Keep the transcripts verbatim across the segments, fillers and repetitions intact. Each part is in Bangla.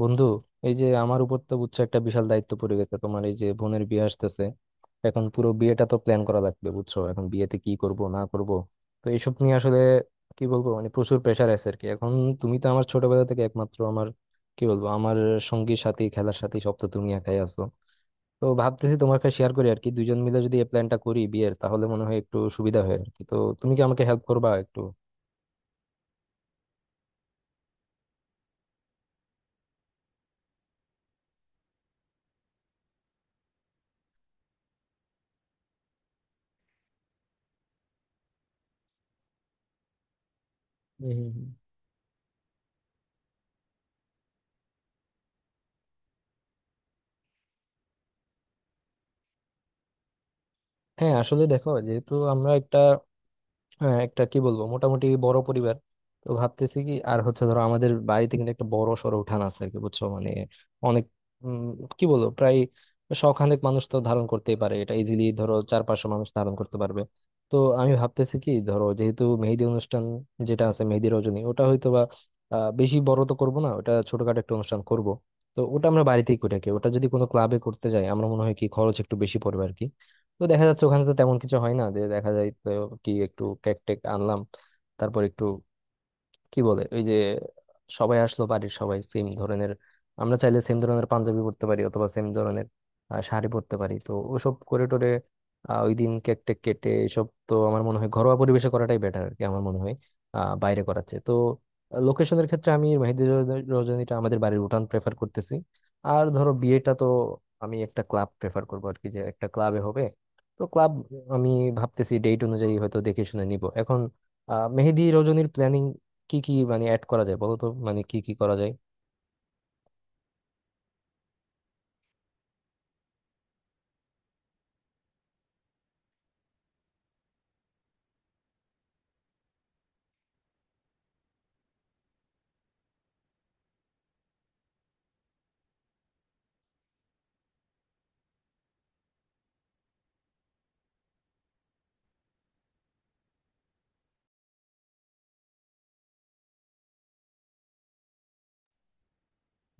বন্ধু, এই যে আমার উপর তো বুঝছো একটা বিশাল দায়িত্ব পড়ে গেছে। তোমার এই যে বোনের বিয়ে আসতেছে, এখন পুরো বিয়েটা তো প্ল্যান করা লাগবে বুঝছো, এখন বিয়েতে কি করব না করব। তো এইসব নিয়ে আসলে কি বলবো, মানে প্রচুর প্রেশার আছে আর কি এখন। তুমি তো আমার ছোটবেলা থেকে একমাত্র আমার, কি বলবো, আমার সঙ্গী সাথী, খেলার সাথী, সব তো তুমি একাই আছো। তো ভাবতেছি তোমার কাছে শেয়ার করি আর কি, দুইজন মিলে যদি এই প্ল্যানটা করি বিয়ের তাহলে মনে হয় একটু সুবিধা হয় আর কি। তো তুমি কি আমাকে হেল্প করবা একটু? হুম হুম হুম। হ্যাঁ, আসলে দেখো, যেহেতু আমরা একটা, হ্যাঁ একটা কি বলবো মোটামুটি বড় পরিবার। তো ভাবতেছি কি আর হচ্ছে ধরো আমাদের বাড়িতে কিন্তু একটা বড় সড়ো উঠান আছে আর কি, বুঝছো, মানে অনেক, উম, কি বলবো প্রায় শখানেক মানুষ তো ধারণ করতেই পারে, এটা ইজিলি ধরো চার পাঁচশো মানুষ ধারণ করতে পারবে। তো আমি ভাবতেছি কি ধরো যেহেতু মেহেদি অনুষ্ঠান যেটা আছে মেহেদি রজনী, ওটা হয়তো বা আহ, বেশি বড় তো করবো না, ওটা ছোটখাটো একটা অনুষ্ঠান করব। তো ওটা আমরা বাড়িতেই করে থাকি, ওটা যদি কোনো ক্লাবে করতে যাই আমরা মনে হয় কি খরচ একটু বেশি পড়বে আর কি। তো দেখা যাচ্ছে ওখানে তো তেমন কিছু হয় না, যে দেখা যায় তো কি একটু কেক টেক আনলাম, তারপর একটু, কি বলে ওই যে সবাই আসলো বাড়ির সবাই সেম ধরনের, আমরা চাইলে সেম ধরনের পাঞ্জাবি পরতে পারি অথবা সেম ধরনের আহ, শাড়ি পরতে পারি, তো ওসব করে টোরে আহ, ওই দিন কেক টেক কেটে এসব তো আমার মনে হয় ঘরোয়া পরিবেশে করাটাই বেটার আর কি, আমার মনে হয় আহ বাইরে করাচ্ছে তো। লোকেশনের ক্ষেত্রে আমি মেহেদি রজ- রজনীটা আমাদের বাড়ির উঠান প্রেফার করতেছি। আর ধরো বিয়েটা তো আমি একটা ক্লাব প্রেফার করবো আর কি, যে একটা ক্লাবে হবে। তো ক্লাব, আমি ভাবতেছি ডেট অনুযায়ী হয়তো দেখে শুনে নিব এখন। আহ মেহেদি রজনীর প্ল্যানিং কি কি মানে অ্যাড করা যায় বলো তো, মানে কি কি করা যায়?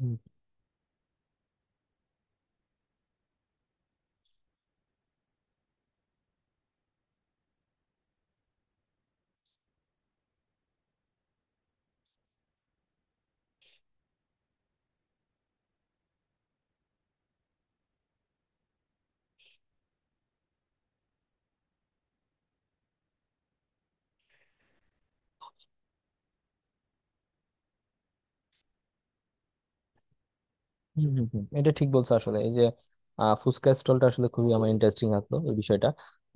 হুম হুম হুম হুম। এটা ঠিক বলছো, আসলে এই যে আহ, ফুচকা স্টলটা আসলে খুবই আমার ইন্টারেস্টিং লাগলো এই বিষয়টা।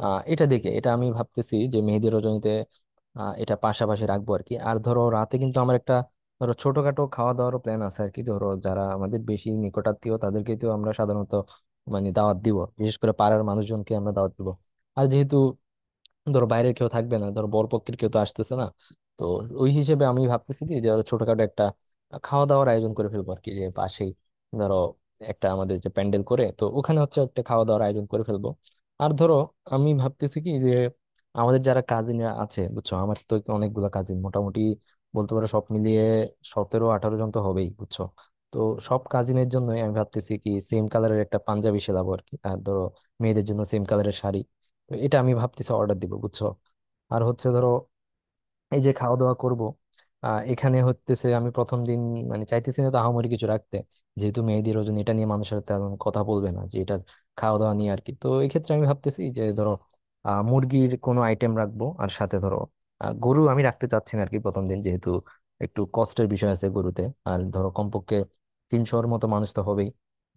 আহ, এটা দেখে এটা আমি ভাবতেছি যে মেহেদি রজনীতে আহ, এটা পাশাপাশি রাখবো আর কি। আর ধরো রাতে কিন্তু আমার একটা, ধরো ছোটখাটো খাওয়া দাওয়ারও প্ল্যান আছে আর কি। ধরো যারা আমাদের বেশি নিকটাত্মীয় তাদেরকে তো আমরা সাধারণত মানে দাওয়াত দিব, বিশেষ করে পাড়ার মানুষজনকে আমরা দাওয়াত দিব। আর যেহেতু ধরো বাইরের কেউ থাকবে না, ধরো বরপক্ষের কেউ তো আসতেছে না, তো ওই হিসেবে আমি ভাবতেছি কি যে ধরো ছোটখাটো একটা খাওয়া দাওয়ার আয়োজন করে ফেলবো আর কি, যে পাশেই ধরো একটা আমাদের যে প্যান্ডেল করে, তো ওখানে হচ্ছে একটা খাওয়া দাওয়ার আয়োজন করে ফেলবো। আর ধরো আমি ভাবতেছি কি যে আমাদের যারা কাজিনরা আছে বুঝছো, আমার তো অনেকগুলো কাজিন, মোটামুটি বলতে পারো সব মিলিয়ে সতেরো আঠারো জন তো হবেই বুঝছো। তো সব কাজিনের জন্য আমি ভাবতেছি কি সেম কালারের একটা পাঞ্জাবি সেলাবো আর কি, আর ধরো মেয়েদের জন্য সেম কালারের শাড়ি। তো এটা আমি ভাবতেছি অর্ডার দিব বুঝছো। আর হচ্ছে ধরো এই যে খাওয়া দাওয়া করব, আহ এখানে হতেছে আমি প্রথম দিন মানে চাইতেছি না তো আহামরি কিছু রাখতে, যেহেতু মেহেদি রজনী এটা নিয়ে মানুষের সাথে তেমন কথা বলবে না যে এটার খাওয়া দাওয়া নিয়ে আর কি। তো এই ক্ষেত্রে আমি ভাবতেছি যে ধরো আহ মুরগির কোনো আইটেম রাখবো আর সাথে ধরো আহ, গরু আমি রাখতে চাচ্ছি না আর কি প্রথম দিন, যেহেতু একটু কষ্টের বিষয় আছে গরুতে। আর ধরো কমপক্ষে তিনশোর মতো মানুষ তো হবেই,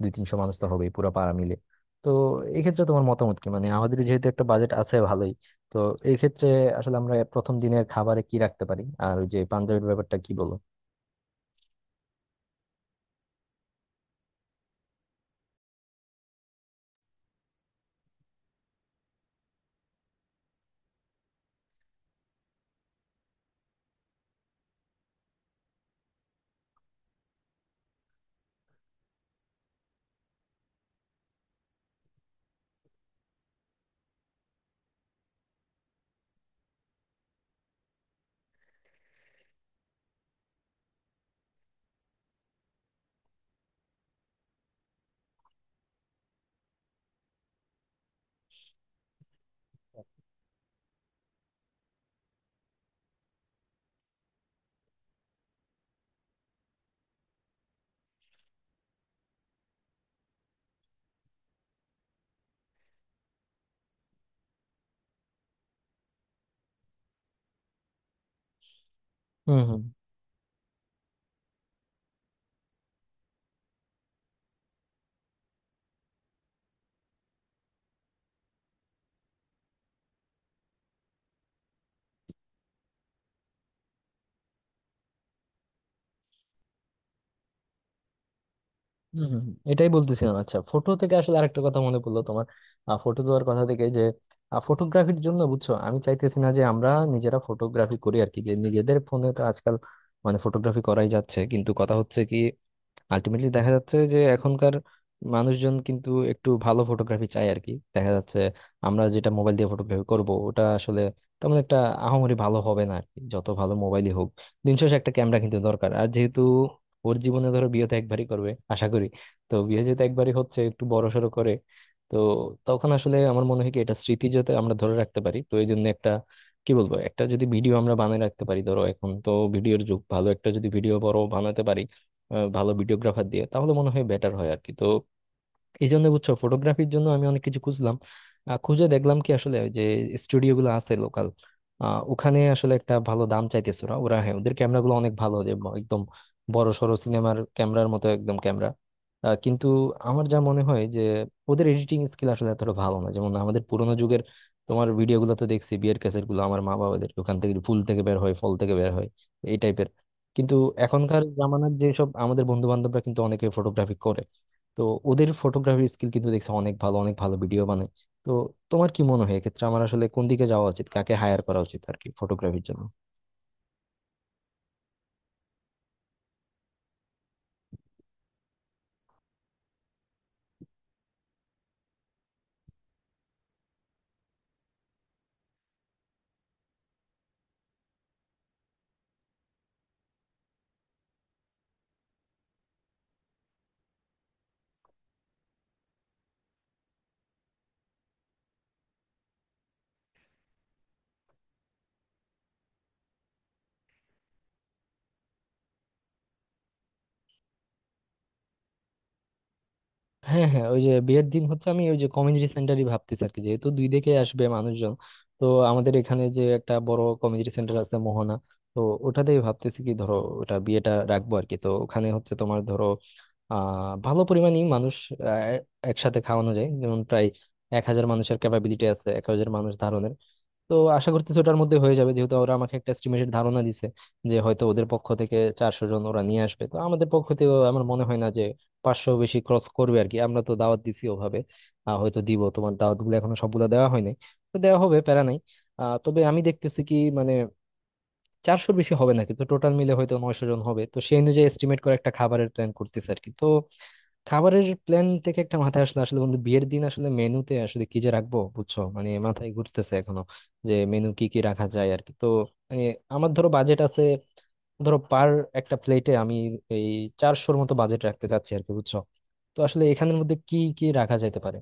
দুই তিনশো মানুষ তো হবেই পুরো পাড়া মিলে। তো এক্ষেত্রে তোমার মতামত কি, মানে আমাদের যেহেতু একটা বাজেট আছে ভালোই, তো এই ক্ষেত্রে আসলে আমরা প্রথম দিনের খাবারে কি রাখতে পারি আর ওই যে পাঞ্জাবির ব্যাপারটা কি বলো? হুম হুম হুম। হুম, হুম, এটাই বলতেছিলাম। আচ্ছা, ফটো থেকে আসলে আরেকটা কথা মনে পড়লো, তোমার ফটো দেওয়ার কথা থেকে যে ফটোগ্রাফির জন্য বুঝছো আমি চাইতেছি না যে আমরা নিজেরা ফটোগ্রাফি করি আর কি, যে নিজেদের ফোনে তো আজকাল মানে ফটোগ্রাফি করাই যাচ্ছে, কিন্তু কথা হচ্ছে কি আলটিমেটলি দেখা যাচ্ছে যে এখনকার মানুষজন কিন্তু একটু ভালো ফটোগ্রাফি চায় আর কি। দেখা যাচ্ছে আমরা যেটা মোবাইল দিয়ে ফটোগ্রাফি করব ওটা আসলে তেমন একটা আহামরি ভালো হবে না আর কি, যত ভালো মোবাইলই হোক দিন শেষে একটা ক্যামেরা কিন্তু দরকার। আর যেহেতু ওর জীবনে ধরো বিয়ে তো একবারই করবে আশা করি, তো বিয়ে যেহেতু একবারই হচ্ছে একটু বড় সড়ো করে, তো তখন আসলে আমার মনে হয় কি এটা স্মৃতি যাতে আমরা ধরে রাখতে পারি, তো এই জন্য একটা, কি বলবো, একটা যদি ভিডিও আমরা বানিয়ে রাখতে পারি। ধরো এখন তো ভিডিওর যুগ, ভালো একটা যদি ভিডিও বড় বানাতে পারি আহ, ভালো ভিডিওগ্রাফার দিয়ে তাহলে মনে হয় বেটার হয় আর কি। তো এই জন্য বুঝছো ফটোগ্রাফির জন্য আমি অনেক কিছু খুঁজলাম, আহ, খুঁজে দেখলাম কি আসলে ওই যে স্টুডিও গুলো আছে লোকাল, ওখানে আসলে একটা ভালো দাম চাইতেছে। ওরা ওরা হ্যাঁ ওদের ক্যামেরা গুলো অনেক ভালো, যে ব- একদম বড় সড়ো সিনেমার ক্যামেরার মতো একদম ক্যামেরা। কিন্তু আমার যা মনে হয় যে ওদের এডিটিং স্কিল আসলে এতটা ভালো না, যেমন আমাদের পুরোনো যুগের তোমার ভিডিও গুলো তো দেখছি, বিয়ের ক্যাসেট গুলো আমার মা বাবাদের, ওখান থেকে ফুল থেকে বের হয় ফল থেকে বের হয় এই টাইপের। কিন্তু এখনকার জামানার যেসব আমাদের বন্ধু বান্ধবরা কিন্তু অনেকে ফটোগ্রাফি করে, তো ওদের ফটোগ্রাফি স্কিল কিন্তু দেখছি অনেক ভালো, অনেক ভালো ভিডিও বানায়। তো তোমার কি মনে হয় এক্ষেত্রে আমার আসলে কোন দিকে যাওয়া উচিত, কাকে হায়ার করা উচিত আর কি ফটোগ্রাফির জন্য? হ্যাঁ হ্যাঁ, ওই যে বিয়ের দিন হচ্ছে আমি ওই যে কমিউনিটি সেন্টারই ভাবতেছি আর কি, যেহেতু দুই দিকে আসবে মানুষজন। তো আমাদের এখানে যে একটা বড় কমিউনিটি সেন্টার আছে মোহনা, তো ওটাতেই ভাবতেছি কি ধরো ওটা বিয়েটা রাখবো আর কি। তো ওখানে হচ্ছে তোমার ধরো আহ ভালো পরিমাণই মানুষ আহ, একসাথে খাওয়ানো যায়, যেমন প্রায় এক হাজার মানুষের ক্যাপাবিলিটি আছে, এক হাজার মানুষ ধারণের। তো আশা করতেছি ওটার মধ্যে হয়ে যাবে, যেহেতু ওরা আমাকে একটা এস্টিমেটেড ধারণা দিছে যে হয়তো ওদের পক্ষ থেকে চারশো জন ওরা নিয়ে আসবে, তো আমাদের পক্ষ থেকে আমার মনে হয় না যে পাঁচশো বেশি ক্রস করবে আর কি। আমরা তো দাওয়াত দিছি ওভাবে, আহ, হয়তো দিব, তোমার দাওয়াত গুলো এখনো সবগুলো দেওয়া হয়নি, তো দেওয়া হবে প্যারা নাই। আহ, তবে আমি দেখতেছি কি মানে চারশোর বেশি হবে না, কিন্তু টোটাল মিলে হয়তো নয়শো জন হবে, তো সেই অনুযায়ী এস্টিমেট করে একটা খাবারের প্ল্যান করতেছে আর কি। তো খাবারের প্ল্যান থেকে একটা মাথায় আসলে, আসলে বন্ধু বিয়ের দিন আসলে মেনুতে আসলে কি যে রাখবো বুঝছো, মানে মাথায় ঘুরতেছে এখনো যে মেনু কি কি রাখা যায় আর কি। তো মানে আমার ধরো বাজেট আছে, ধরো পার একটা প্লেটে আমি এই চারশোর মতো বাজেট রাখতে চাচ্ছি আর কি বুঝছো। তো আসলে এখানের মধ্যে কি কি রাখা যেতে পারে?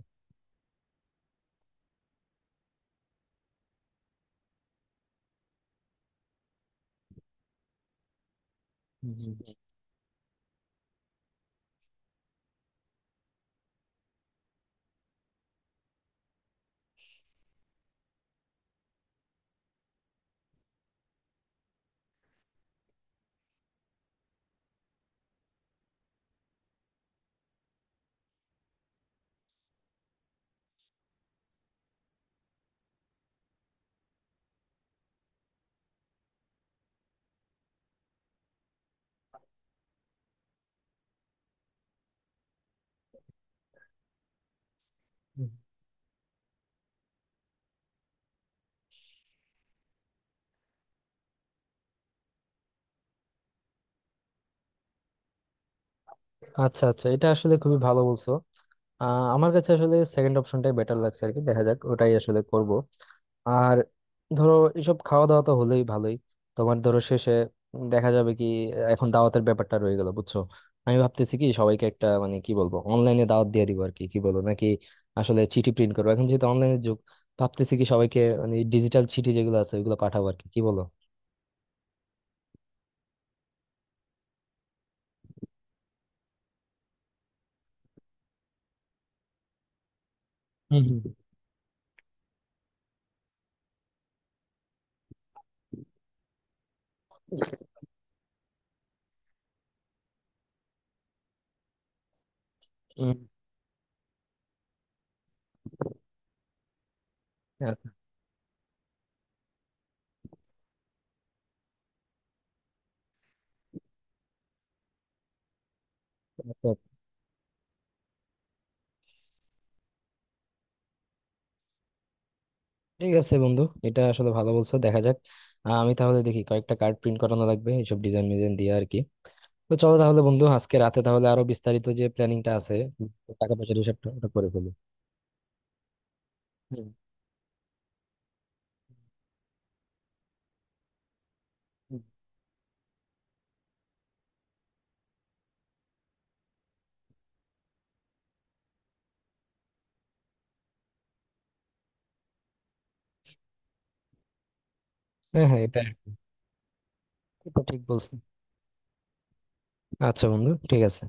হুম, হুম, হুম। আচ্ছা আচ্ছা, এটা আসলে খুবই ভালো বলছো। আহ, আমার কাছে আসলে সেকেন্ড অপশনটাই বেটার লাগছে আর কি, দেখা যাক ওটাই আসলে করব। আর ধরো এসব খাওয়া দাওয়া তো হলেই ভালোই, তোমার ধরো শেষে দেখা যাবে কি। এখন দাওয়াতের ব্যাপারটা রয়ে গেল বুঝছো, আমি ভাবতেছি কি সবাইকে একটা মানে কি বলবো অনলাইনে দাওয়াত দিয়ে দিব আর কি, কি বলবো নাকি আসলে চিঠি প্রিন্ট করবো। এখন যেহেতু অনলাইনের যুগ, ভাবতেছি কি সবাইকে মানে ডিজিটাল চিঠি যেগুলো আছে ওগুলো পাঠাবো আর কি, কি বলো? হুম হুম। উম, আচ্ছা, আচ্ছা, ঠিক আছে বন্ধু, এটা আসলে ভালো বলছো, দেখা যাক। আহ, আমি তাহলে দেখি কয়েকটা কার্ড প্রিন্ট করানো লাগবে এইসব ডিজাইন মিজাইন দিয়ে আর কি। তো চলো তাহলে বন্ধু আজকে রাতে তাহলে আরো বিস্তারিত যে প্ল্যানিংটা আছে টাকা পয়সার হিসাবটা ওটা করে ফেলি। হুম। হুম। হ্যাঁ হ্যাঁ, এটা এটা ঠিক বলছো। আচ্ছা বন্ধু, ঠিক আছে।